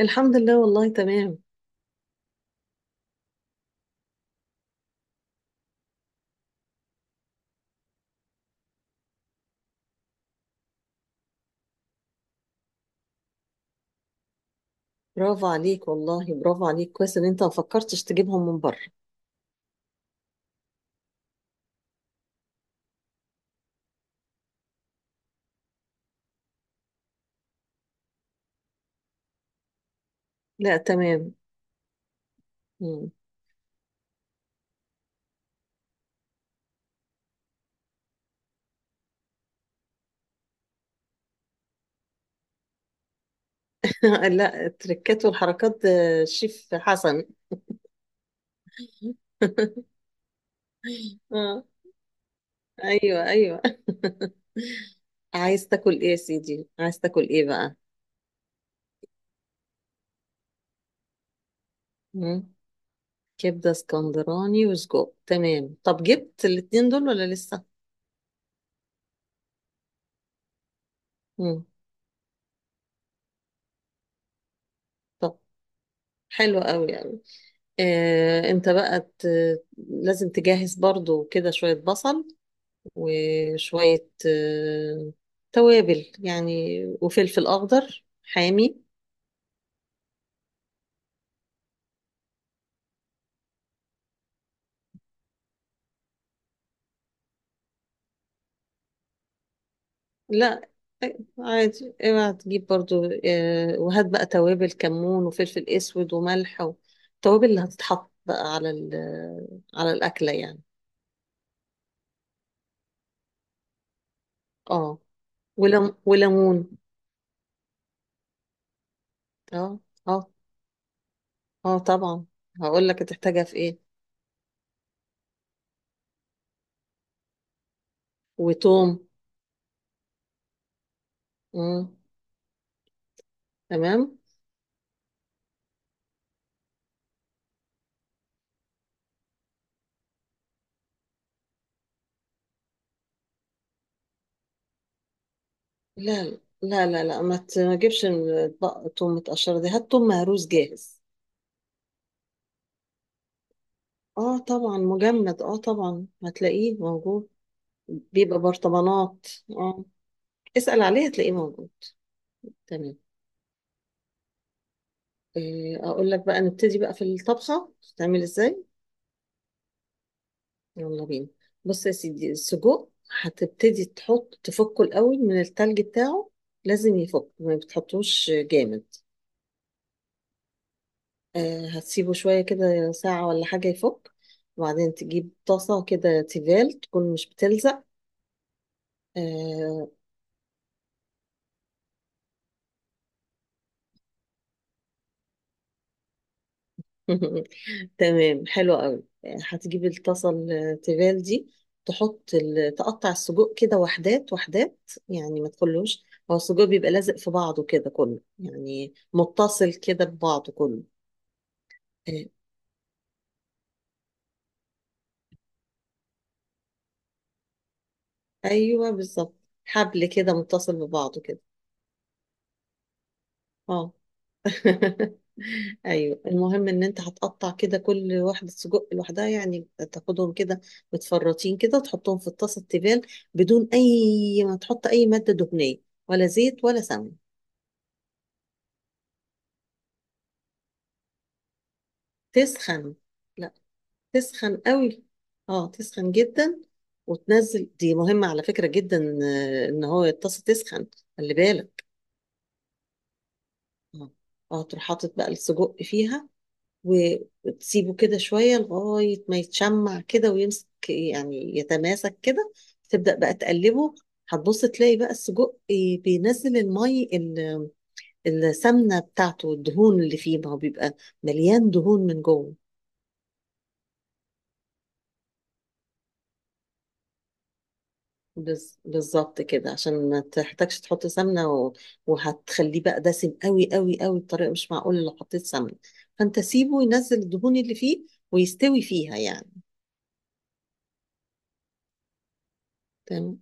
الحمد لله والله تمام. برافو عليك والله برافو عليك، كويس ان انت ما فكرتش تجيبهم من بره. لا تمام. مم. لا التركات والحركات ده شيف حسن. آه. ايوه ايوه. عايز تاكل ايه يا سيدي، عايز تاكل ايه بقى؟ مم. كبده اسكندراني وسجق، تمام. طب جبت الاتنين دول ولا لسه؟ مم. طب حلو قوي قوي. انت بقى لازم تجهز برضو كده شوية بصل، وشوية توابل يعني، وفلفل أخضر حامي. لا عادي اوعى تجيب، برضو وهات بقى توابل كمون وفلفل أسود وملح، والتوابل اللي هتتحط بقى على الأكلة يعني. اه ولم وليمون. اه اه اه طبعا. هقول لك هتحتاجها في ايه. وتوم. مم. تمام. لا لا لا لا، ما تجيبش توم متقشرة دي، هات توم مهروس جاهز. اه طبعا مجمد، اه طبعا هتلاقيه موجود. بيبقى برطمانات اه. اسأل عليه هتلاقيه موجود. تمام. اقول لك بقى نبتدي بقى في الطبخة تعمل ازاي. يلا بينا. بص يا سيدي السجق هتبتدي تحط تفكه الاول من التلج بتاعه. لازم يفك، ما بتحطوش جامد. هتسيبه شوية كده، ساعة ولا حاجة يفك، وبعدين تجيب طاسة كده تيفال، تكون مش بتلزق. آه، تمام حلو قوي. هتجيب الطاسه التيفال دي، تقطع السجق كده وحدات وحدات، يعني ما تخلوش، هو السجق بيبقى لازق في بعضه كده كله، يعني متصل كده ببعضه كله. آه، ايوه بالظبط، حبل كده متصل ببعضه كده اه. ايوه، المهم ان انت هتقطع كده كل واحده سجق لوحدها، يعني تاخدهم كده متفرطين كده، تحطهم في الطاسه التيفال، بدون اي، ما تحط اي ماده دهنيه، ولا زيت ولا سمن. تسخن. لا، تسخن قوي، اه تسخن جدا، وتنزل، دي مهمه على فكره جدا، ان هو الطاسه تسخن، خلي بالك. اه. تروح حاطط بقى السجق فيها، وتسيبه كده شوية لغاية ما يتشمع كده ويمسك، يعني يتماسك كده، تبدأ بقى تقلبه. هتبص تلاقي بقى السجق بينزل السمنة بتاعته، الدهون اللي فيه، ما هو بيبقى مليان دهون من جوه. بالظبط كده، عشان ما تحتاجش تحط سمنة وهتخليه بقى دسم قوي قوي قوي، بطريقة مش معقولة لو حطيت سمنة، فانت سيبه ينزل الدهون اللي فيه ويستوي فيها يعني. تمام.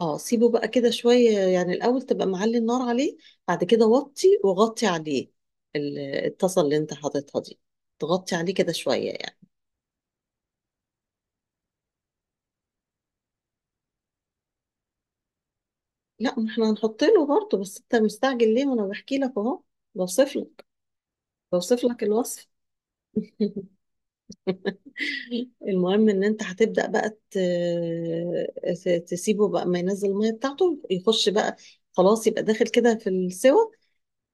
اه سيبه بقى كده شوية يعني، الأول تبقى معلي النار عليه، بعد كده وطي وغطي عليه ال- الطاسة اللي انت حاططها دي، تغطي عليه كده شوية يعني. لا ما احنا هنحط له برضه، بس انت مستعجل ليه؟ ما انا بحكي لك اهو، بوصف لك بوصف لك الوصف. المهم ان انت هتبدأ بقى تسيبه بقى، ما ينزل المية بتاعته يخش بقى خلاص، يبقى داخل كده في السوى،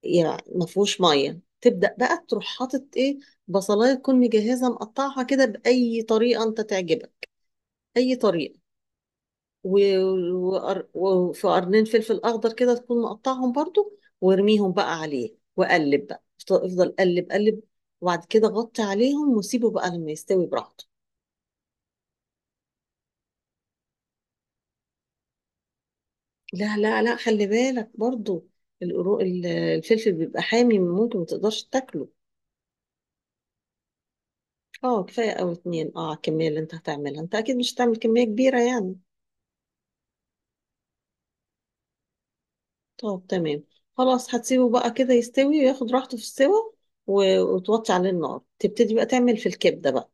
يعني ما فيهوش ميه، تبدا بقى تروح حاطط ايه؟ بصلايه تكون مجهزه مقطعها كده باي طريقه انت تعجبك، اي طريقه، وفي قرنين فلفل اخضر كده تكون مقطعهم برضو، وارميهم بقى عليه، وقلب بقى افضل افضل، قلب قلب، وبعد كده غطي عليهم وسيبه بقى لما يستوي براحته. لا لا لا، خلي بالك برضو، الفلفل بيبقى حامي، ممكن ما تقدرش تاكله. اه كفايه، او اتنين، اه على الكميه اللي انت هتعملها، انت اكيد مش هتعمل كميه كبيره يعني. طب تمام. خلاص هتسيبه بقى كده يستوي وياخد راحته في السوا، وتوطي عليه النار، تبتدي بقى تعمل في الكبدة بقى.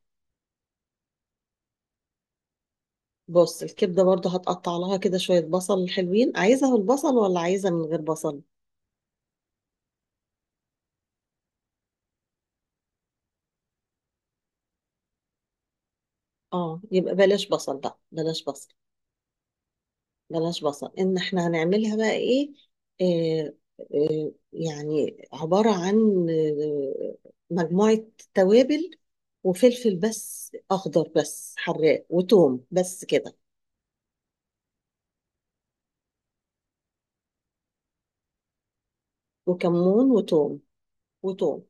بص الكبدة برضه هتقطع لها كده شوية بصل حلوين، عايزها بالبصل ولا عايزها من غير بصل؟ اه يبقى بلاش بصل بقى، بلاش بصل، بلاش بصل. ان احنا هنعملها بقى ايه، آه يعني عبارة عن مجموعة توابل، وفلفل بس اخضر بس حراق، وتوم، بس كده. وكمون وتوم وتوم.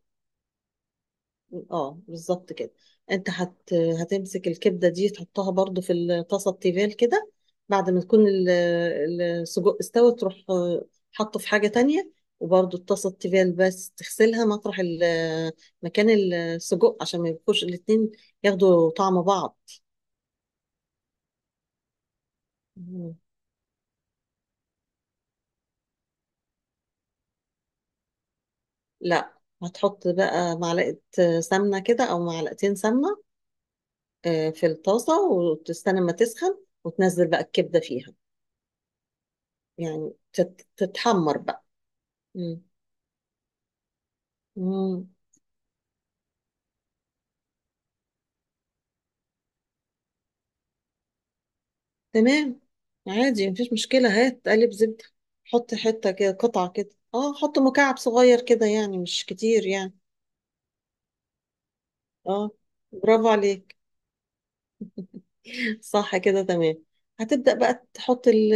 اه بالظبط كده. انت هتمسك الكبده دي تحطها برضو في الطاسه التيفال كده، بعد ما تكون السجق استوى، تروح حطه في حاجه تانية، وبرضو الطاسه التيفال بس تغسلها مطرح مكان السجق عشان ما يبقوش الاتنين ياخدوا طعم بعض. مم. لا هتحط بقى معلقه سمنه كده او معلقتين سمنه، في الطاسه وتستنى ما تسخن، وتنزل بقى الكبده فيها، يعني تتحمر بقى. مم. اه تمام. عادي مفيش مشكلة، هات قالب زبدة، حط حتة كده، قطعة كده. اه حط مكعب صغير كده، يعني مش كتير يعني. اه برافو عليك. صح كده تمام. هتبدأ بقى تحط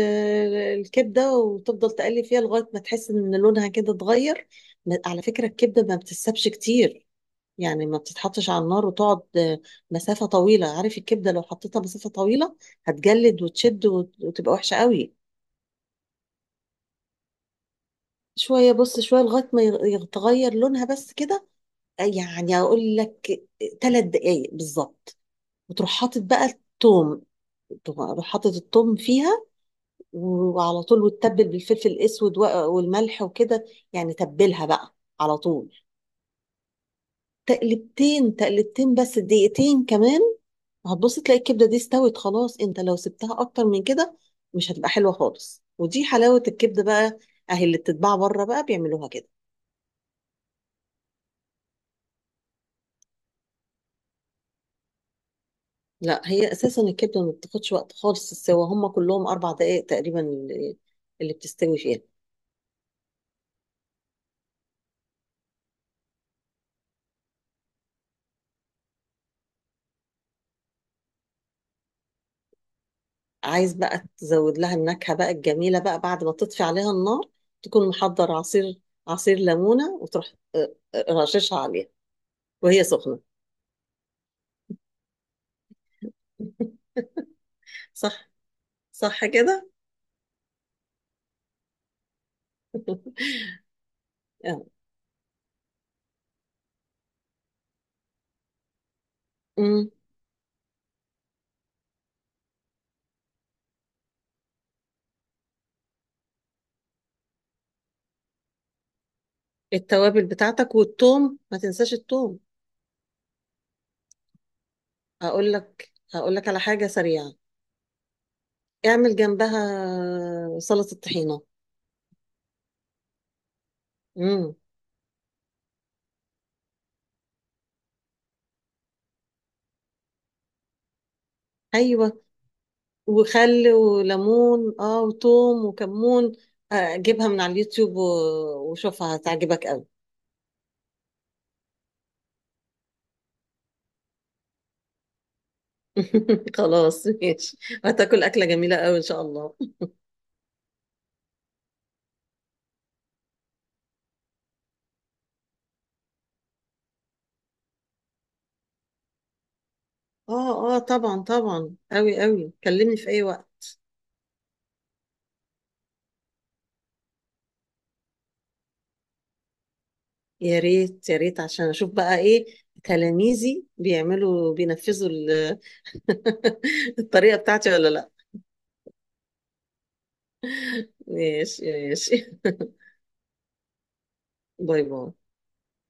الكبدة، وتفضل تقلب فيها لغاية ما تحس ان لونها كده اتغير. على فكرة الكبدة ما بتتسابش كتير، يعني ما بتتحطش على النار وتقعد مسافة طويلة، عارف، الكبدة لو حطيتها مسافة طويلة هتجلد وتشد وتبقى وحشة قوي. شوية، بص شوية لغاية ما يتغير لونها بس كده، يعني أقول لك 3 دقايق بالظبط، وتروح حاطط بقى التوم، تروح حاطط التوم فيها، وعلى طول وتتبل بالفلفل الأسود والملح وكده، يعني تبلها بقى على طول. تقلبتين تقلبتين بس، دقيقتين كمان، هتبص تلاقي الكبدة دي استوت خلاص. انت لو سبتها أكتر من كده مش هتبقى حلوة خالص، ودي حلاوة الكبدة بقى، أهي اللي بتتباع بره بقى بيعملوها كده. لا هي اساسا الكبده ما بتاخدش وقت خالص، السوا هم كلهم 4 دقائق تقريبا اللي بتستوي فيها. عايز بقى تزود لها النكهه بقى الجميله بقى، بعد ما تطفي عليها النار تكون محضر عصير ليمونه، وتروح رششها عليها وهي سخنه. صح. صح كده. آه. أمم. التوابل بتاعتك، والثوم، ما تنساش الثوم. هقول لك على حاجه سريعه، اعمل جنبها سلطه طحينه. امم، ايوه، وخل وليمون، اه، وتوم وكمون، جيبها من على اليوتيوب وشوفها هتعجبك قوي. خلاص ماشي. هتاكل أكلة جميلة قوي إن شاء الله. اه اه طبعا، طبعا قوي قوي، كلمني في أي وقت. يا ريت يا ريت، عشان أشوف بقى إيه تلاميذي بيعملوا بينفذوا الطريقة بتاعتي ولا لا. ماشي ماشي. باي باي.